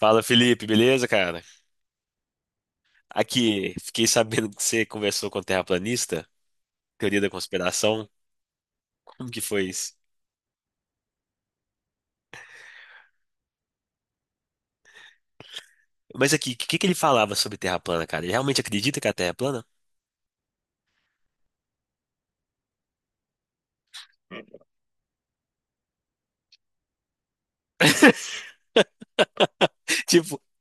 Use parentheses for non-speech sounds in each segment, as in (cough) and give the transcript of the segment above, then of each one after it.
Fala, Felipe, beleza, cara? Aqui, fiquei sabendo que você conversou com o terraplanista, teoria da conspiração. Como que foi isso? Mas aqui, o que que ele falava sobre terra plana, cara? Ele realmente acredita que a terra é plana? (laughs)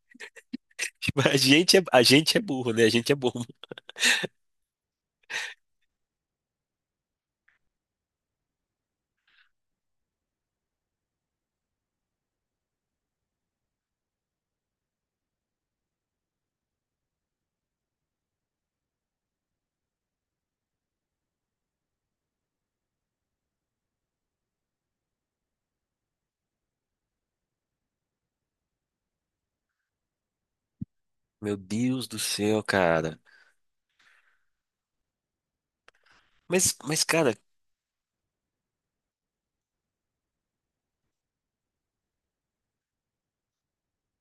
Tipo, a gente é burro, né? A gente é burro. Meu Deus do céu, cara. Mas, cara,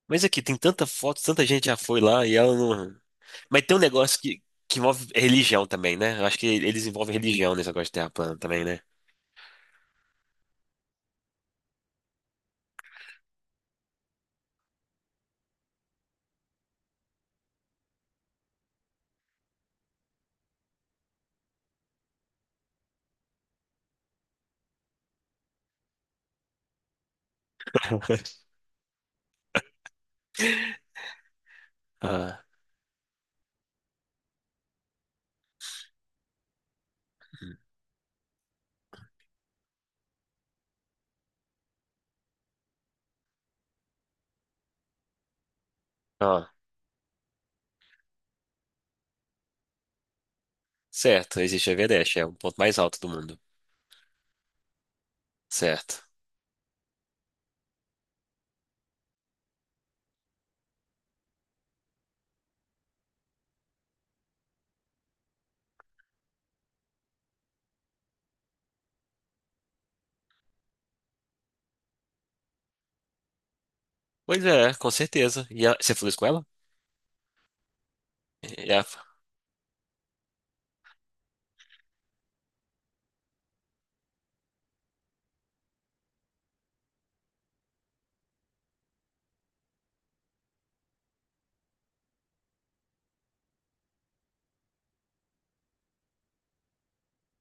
mas aqui, tem tanta foto, tanta gente já foi lá e ela não. Mas tem um negócio que envolve religião também, né? Eu acho que eles envolvem religião nesse negócio de terra plana também, né? (laughs) Ah, ah, Certo, existe Everest, é o ponto mais alto do mundo. Certo. Pois é, com certeza. E ela- você falou isso com ela? E ela-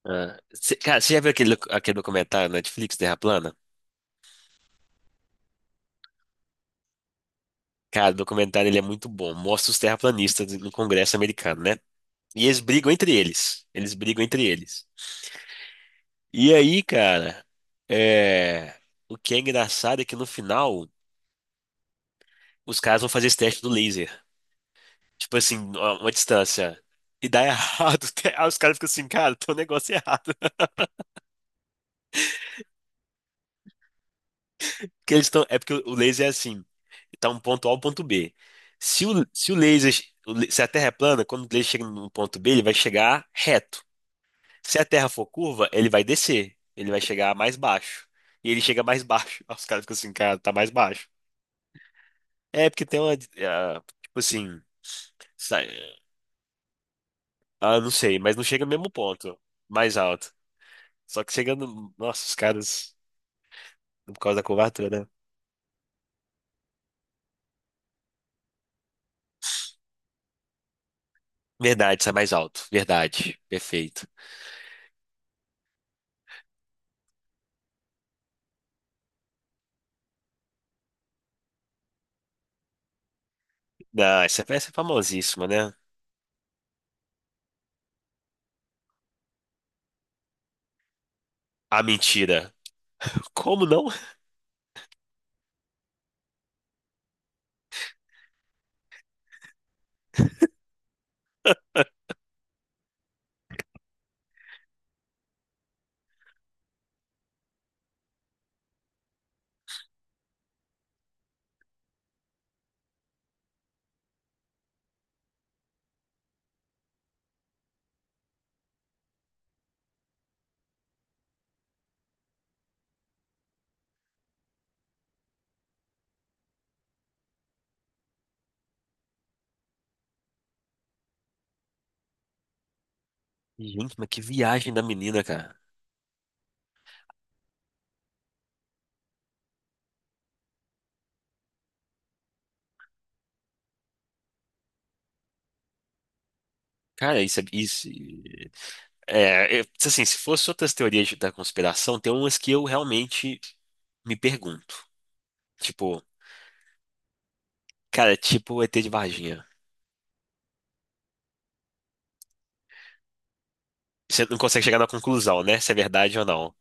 você- cara, você já viu aquele, aquele documentário na Netflix, Terra Plana? Cara, o documentário ele é muito bom. Mostra os terraplanistas no Congresso americano, né? E eles brigam entre eles. Eles brigam entre eles. E aí, cara, é... o que é engraçado é que no final os caras vão fazer esse teste do laser. Tipo assim, a uma distância. E dá errado. (laughs) Aí os caras ficam assim, cara, tem um negócio errado. (laughs) Porque eles estão. É porque o laser é assim. Tá um ponto A ao ponto B. Se o laser. Se a Terra é plana, quando o laser chega no ponto B, ele vai chegar reto. Se a Terra for curva, ele vai descer. Ele vai chegar mais baixo. E ele chega mais (laughs) baixo. Aí os caras ficam assim, cara, tá mais baixo. É porque tem uma. Tipo assim. Sai- Ah, não sei, mas não chega no mesmo ponto. Mais alto. Só que chegando. Nossa, os caras. Por causa da curvatura, né? Verdade, sai mais alto. Verdade. Perfeito. Não, essa peça é famosíssima, né? A mentira. Como não? (laughs) Gente, mas que viagem da menina, cara. Cara, isso é. Isso, é, é, assim, se fosse outras teorias da conspiração, tem umas que eu realmente me pergunto. Tipo, cara, é tipo o ET de Varginha. Você não consegue chegar na conclusão, né? Se é verdade ou não.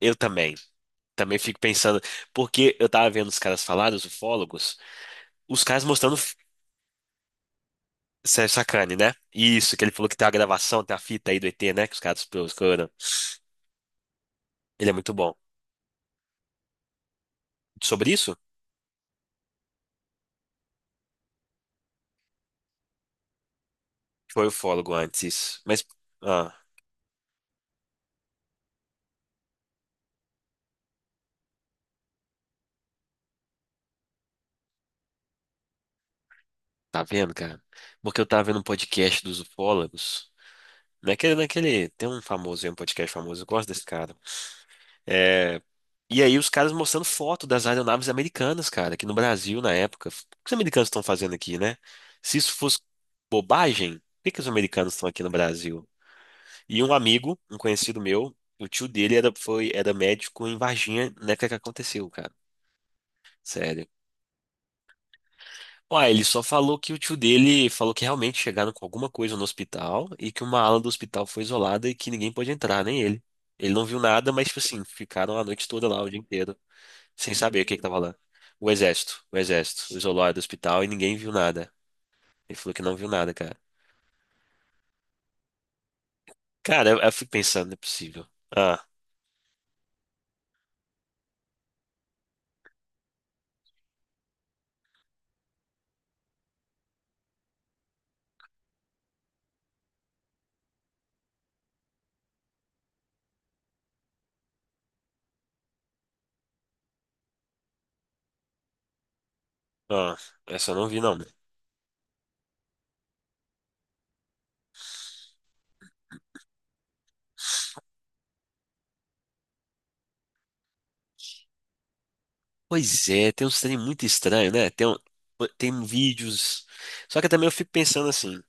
Eu também. Também fico pensando, porque eu tava vendo os caras falar, os ufólogos, os caras mostrando f- Sérgio Sacani, né? Isso, que ele falou que tem a gravação, tem a fita aí do ET, né? Que os caras buscaram. Ele é muito bom. Sobre isso? Foi ufólogo antes, isso. Mas, ah, tá vendo, cara? Porque eu tava vendo um podcast dos ufólogos. Tem um famoso, aí, um podcast famoso, eu gosto desse cara. É, e aí os caras mostrando foto das aeronaves americanas, cara, aqui no Brasil na época. O que os americanos estão fazendo aqui, né? Se isso fosse bobagem, por que que os americanos estão aqui no Brasil? E um amigo, um conhecido meu, o tio dele era médico em Varginha na época que aconteceu, cara. Sério. Ué, ele só falou que o tio dele falou que realmente chegaram com alguma coisa no hospital e que uma ala do hospital foi isolada e que ninguém pôde entrar, nem ele. Ele não viu nada, mas, tipo assim, ficaram a noite toda lá, o dia inteiro. Sem saber o que que tava lá. O exército isolou ela do hospital e ninguém viu nada. Ele falou que não viu nada, cara. Cara, eu fico pensando, não é possível. Ah, ah, essa eu não vi, não. né? Pois é, tem uns trem muito estranho, né? Tem vídeos. Só que também eu fico pensando assim,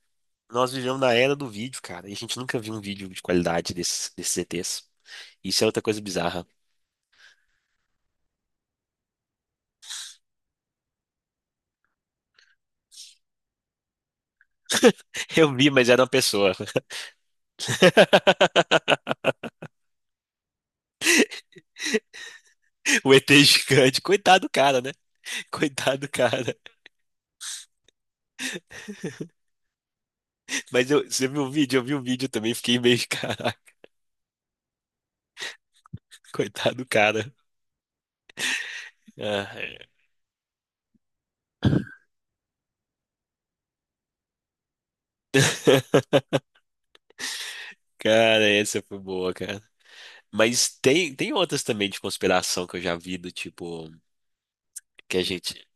nós vivemos na era do vídeo, cara, e a gente nunca viu um vídeo de qualidade desses, desses ETs. Isso é outra coisa bizarra. (laughs) Eu vi, mas era uma pessoa. (laughs) O ET gigante. Coitado do cara, né? Coitado do cara. Mas eu, você viu o vídeo? Eu vi o vídeo também, fiquei meio, (laughs) caraca, coitado do cara. Ah, é. (laughs) Cara, essa foi boa, cara. Mas tem outras também de conspiração que eu já vi, do tipo, que a gente...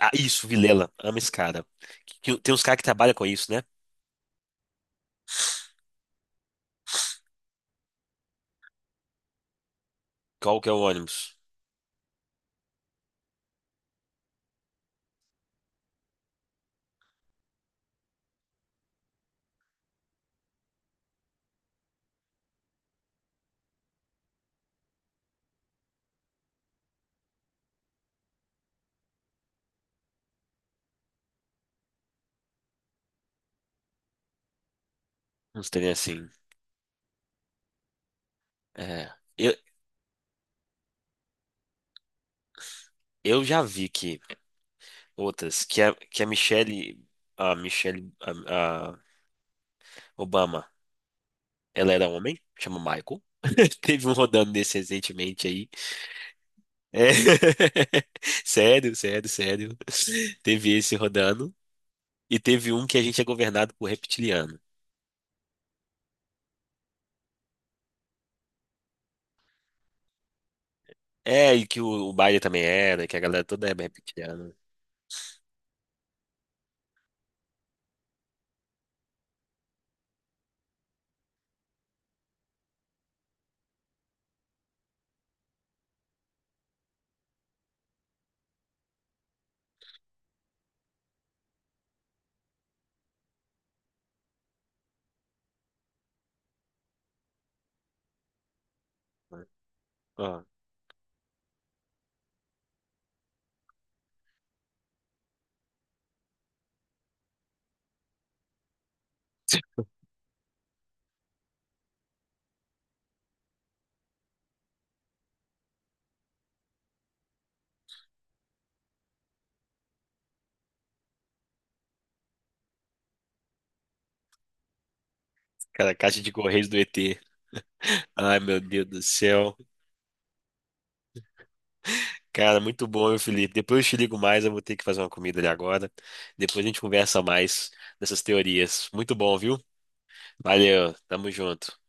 Ah, isso, Vilela, ama esse cara. Tem uns caras que trabalham com isso, né? Qual que é o ônibus? Uns trem assim. É. Eu já vi que outras, que a Michelle, a Michelle, a Obama, ela era homem, chama Michael. (laughs) Teve um rodando desse recentemente aí. É. (laughs) Sério, sério, sério. Teve esse rodando. E teve um que a gente é governado por reptiliano. É, e que o Biden também era, que a galera toda é reptiliana. Né? Ó, cara, caixa de correios do ET. Ai, meu Deus do céu. Cara, muito bom, meu Felipe. Depois eu te ligo mais, eu vou ter que fazer uma comida ali agora. Depois a gente conversa mais dessas teorias. Muito bom, viu? Valeu, tamo junto.